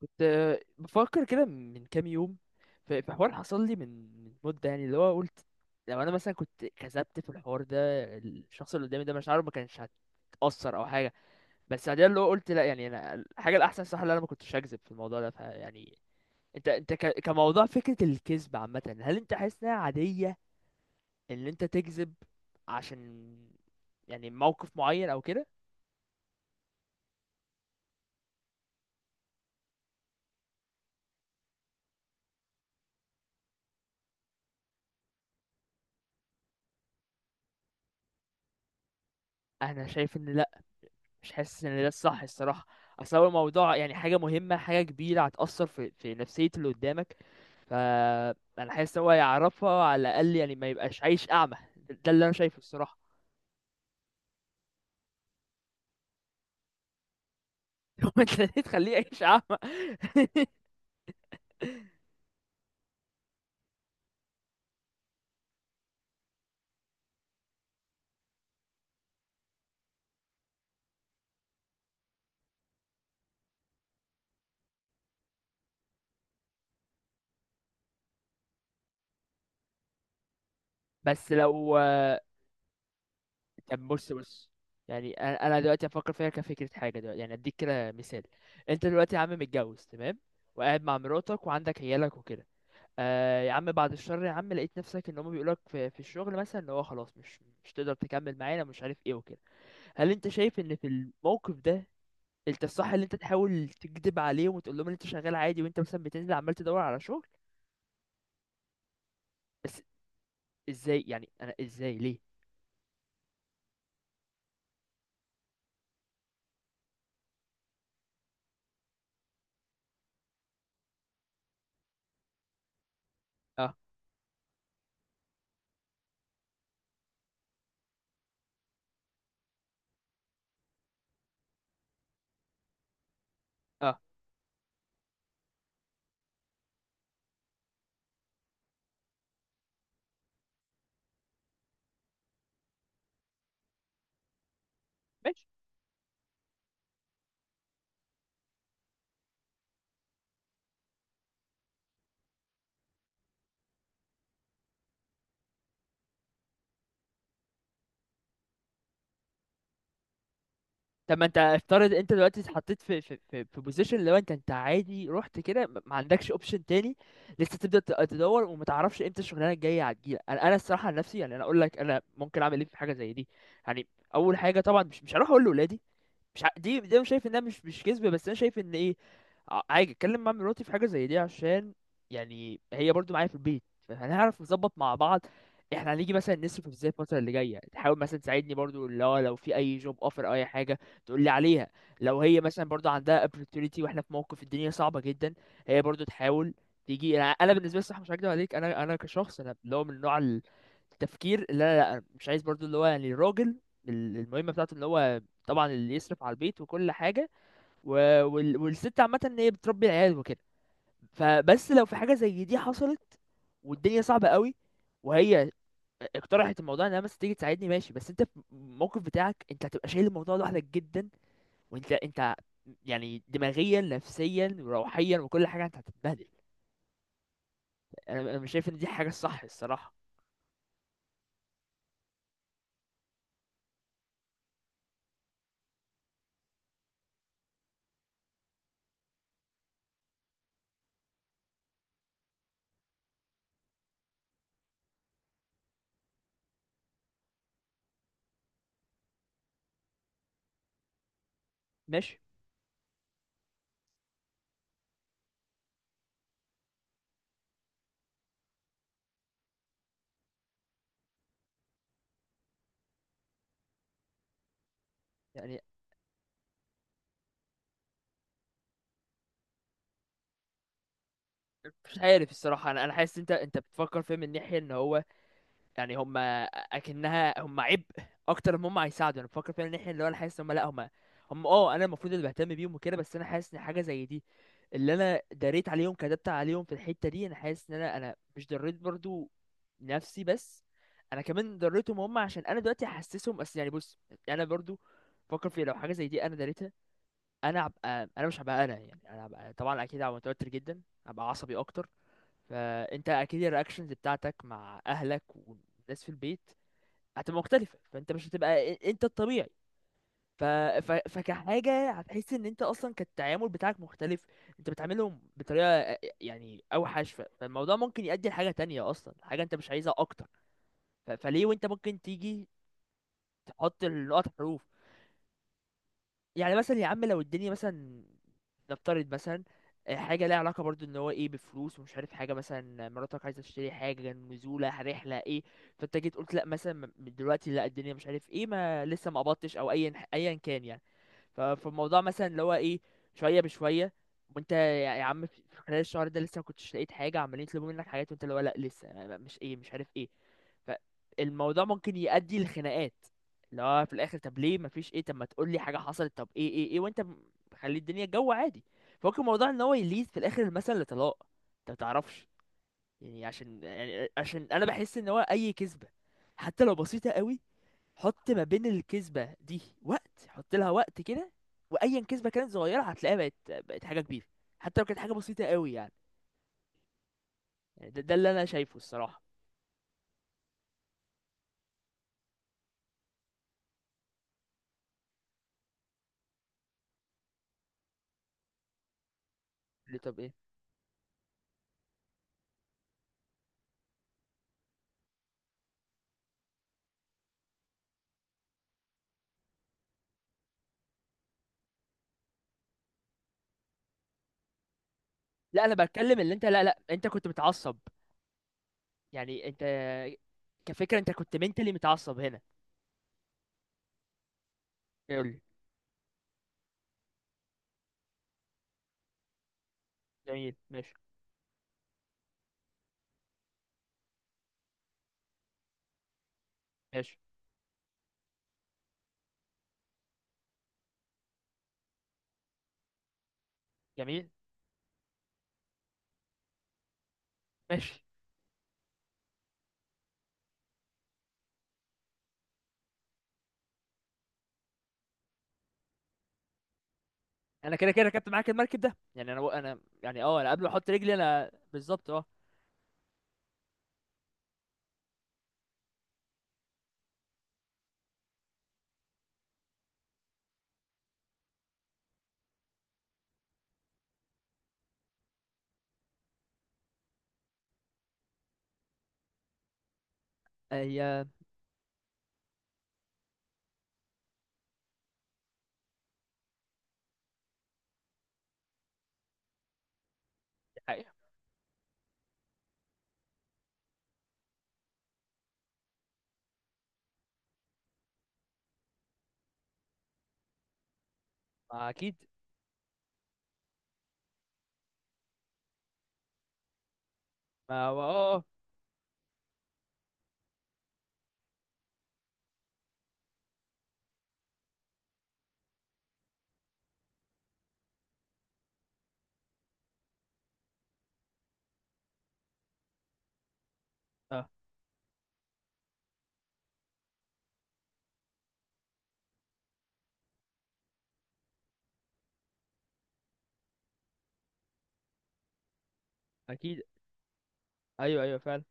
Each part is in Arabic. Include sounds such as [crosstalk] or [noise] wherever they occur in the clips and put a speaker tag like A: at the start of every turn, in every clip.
A: كنت بفكر كده من كام يوم، في حوار حصل لي من مدة. يعني اللي هو قلت لو انا مثلا كنت كذبت في الحوار ده، الشخص اللي قدامي ده مش عارف، ما كانش هتأثر او حاجة. بس بعدين اللي هو قلت لا، يعني انا الحاجة الاحسن صح اللي انا ما كنتش هكذب في الموضوع ده، فيعني انت كموضوع فكرة الكذب عامة، هل انت حاسس انها عادية ان انت تكذب عشان يعني موقف معين او كده؟ انا شايف ان لا، مش حاسس ان ده الصح الصراحه. اصل هو الموضوع يعني حاجه مهمه، حاجه كبيره، هتاثر في نفسيه اللي قدامك. فانا حاسس هو يعرفها على الاقل، يعني ما يبقاش عايش اعمى. ده اللي انا شايفه الصراحه. [laughs] هو انت ليه تخليه عايش اعمى؟ [laughs] بس لو. طب بص بص، يعني انا دلوقتي افكر فيها كفكره، حاجه دلوقتي يعني اديك كده مثال. انت دلوقتي يا عم متجوز، تمام، وقاعد مع مراتك وعندك عيالك وكده. آه يا عم، بعد الشر يا عم، لقيت نفسك ان هم بيقولك في، الشغل مثلا ان هو خلاص مش تقدر تكمل معانا، مش عارف ايه وكده. هل انت شايف ان في الموقف ده انت الصح ان انت تحاول تكذب عليهم وتقول لهم ان انت شغال عادي وانت مثلا بتنزل عمال تدور على شغل؟ بس ازاي يعني؟ انا ازاي؟ ليه؟ اه اه، ماشي. طب ما انت افترض انت دلوقتي اتحطيت في في بوزيشن. لو انت عادي رحت كده، ما عندكش اوبشن تاني، لسه تبدا تدور وما تعرفش امتى الشغلانه الجايه هتجيلك. انا الصراحه عن نفسي، يعني انا اقول لك انا ممكن اعمل ايه في حاجه زي دي. يعني اول حاجه طبعا مش هروح اقول لاولادي. مش ع... دي ده مش شايف انها مش كذبه، بس انا شايف ان ايه، عادي اتكلم مع مراتي في حاجه زي دي عشان يعني هي برضو معايا في البيت، فهنعرف نظبط مع بعض. احنا هنيجي مثلا نصرف ازاي الفتره اللي جايه، تحاول مثلا تساعدني برضو اللي هو لو في اي جوب اوفر او اي حاجه تقول لي عليها. لو هي مثلا برضو عندها opportunity واحنا في موقف الدنيا صعبه جدا، هي برضو تحاول تيجي. انا بالنسبه لي صح مش هكدب عليك، انا كشخص انا اللي هو من نوع التفكير اللي انا لا، مش عايز برضو اللي هو يعني الراجل المهمه بتاعته اللي هو طبعا اللي يصرف على البيت وكل حاجه، و... والست عامه ان هي بتربي العيال وكده. فبس لو في حاجه زي دي حصلت والدنيا صعبه قوي وهي اقترحت الموضوع انها مثلا تيجي تساعدني، ماشي، بس انت في الموقف بتاعك انت هتبقى شايل الموضوع لوحدك جدا، وانت يعني دماغيا نفسيا وروحيا وكل حاجه انت هتتبهدل. انا مش شايف ان دي حاجه الصح الصراحه. ماشي. يعني مش عارف الصراحه، انا حاسس انت بتفكر فيه من ناحيه ان هو يعني هم اكنها هم عبء اكتر ما هم هيساعدوا. انا بفكر فعلا ان احنا اللي هو انا حاسس ان هم لا، هم هم اه، انا المفروض اللي بهتم بيهم وكده. بس انا حاسس ان حاجه زي دي اللي انا دريت عليهم، كدبت عليهم في الحته دي، انا حاسس ان انا، مش دريت برضو نفسي بس، انا كمان دريتهم هم، عشان انا دلوقتي حاسسهم. اصل يعني بص، انا برضو فكر في لو حاجه زي دي انا دريتها، انا هبقى انا، مش هبقى انا، يعني انا هبقى طبعا اكيد هبقى متوتر جدا، هبقى عصبي اكتر. فانت اكيد الرياكشنز بتاعتك مع اهلك والناس في البيت هتبقى مختلفه، فانت مش هتبقى انت الطبيعي. ف... فكحاجه هتحس ان انت اصلا كان التعامل بتاعك مختلف، انت بتعاملهم بطريقه يعني اوحش. فالموضوع ممكن يؤدي لحاجه تانية اصلا، حاجه انت مش عايزها اكتر. فليه وانت ممكن تيجي تحط النقط حروف؟ يعني مثلا يا عم، لو الدنيا مثلا نفترض مثلا، حاجة ليها علاقة برضو ان هو ايه بفلوس ومش عارف حاجة، مثلا مراتك عايزة تشتري حاجة، نزولة رحلة، ايه. فانت جيت قلت لا مثلا، دلوقتي لا الدنيا مش عارف ايه، ما لسه ما قبضتش او ايا كان يعني. فالموضوع مثلا اللي هو ايه، شوية بشوية. وانت يا يا عم، في خلال الشهر ده لسه ما كنتش لقيت حاجة، عمالين يطلبوا منك حاجات وانت اللي هو لا لسه مش ايه، مش عارف ايه. فالموضوع ممكن يؤدي لخناقات. لا في الاخر، طب ليه مفيش ايه؟ طب ما تقول لي حاجه حصلت؟ طب ايه؟ ايه؟ ايه؟ وانت مخلي الدنيا جو عادي. فممكن الموضوع ان هو يليد في الاخر المثل لطلاق. انت ما تعرفش. يعني عشان يعني عشان انا بحس ان هو اي كذبه حتى لو بسيطه قوي، حط ما بين الكذبه دي وقت، حط لها وقت كده، وايا كذبه كانت صغيره هتلاقيها بقت، بقت حاجه كبيره. حتى لو كانت حاجه بسيطه قوي يعني. يعني ده اللي انا شايفه الصراحه. قال لي طب ايه؟ لا انا بتكلم اللي انت. لا لا، انت كنت متعصب، يعني انت كفكرة انت كنت منتلي متعصب هنا. قول لي. جميل، ماشي. ماشي. جميل. ماشي. انا كده كده ركبت معاك المركب ده، يعني انا يعني، اه، انا قبل ما احط رجلي انا بالظبط، اه. هي دي حقيقة. ما اكيد. ما هو، اه اه اه، اكيد. ايوه، ايوه، فعلا.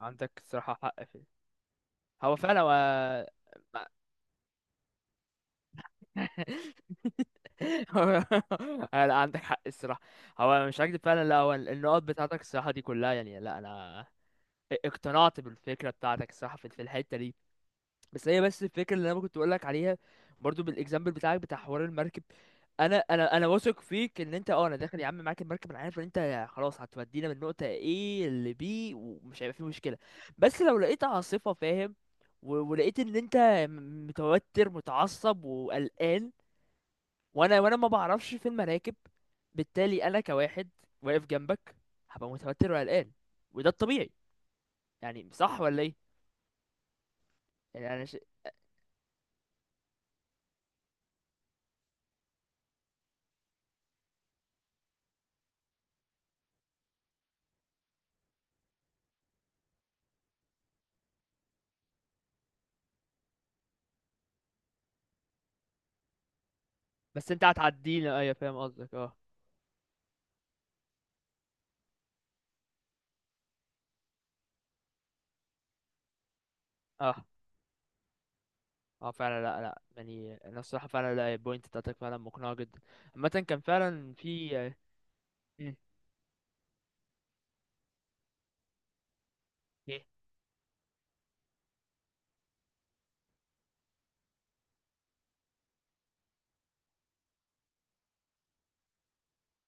A: عندك صراحة حق في دي. هو فعلا هو ما- [laughs] هو- لا، عندك حق الصراحة. هو مش هكدب فعلا، لا هو النقط بتاعتك الصراحة دي كلها، يعني لا انا اقتنعت بالفكره بتاعتك الصراحه في الحته دي. بس هي، بس الفكره اللي انا كنت اقول لك عليها برضو بالاكزامبل بتاعك بتاع حوار المركب. انا واثق فيك ان انت اه انا داخل يا عم معاك المركب، انا عارف ان انت خلاص هتودينا من نقطه A ل B ومش هيبقى في مشكله. بس لو لقيت عاصفه، فاهم، ولقيت ان انت متوتر، متعصب، وقلقان، وانا ما بعرفش في المراكب، بالتالي انا كواحد واقف جنبك هبقى متوتر وقلقان، وده الطبيعي. يعني صح ولا ايه؟ يعني ش... بس انت هتعدينا، ايوه فاهم قصدك، اه. اه اه فعلا. لا لا، يعني انا الصراحه فعلا لا، البوينت بتاعتك فعلا مقنعه جدا. عامه كان فعلا في مم. ايه.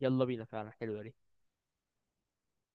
A: يلا بينا، فعلا حلوه دي.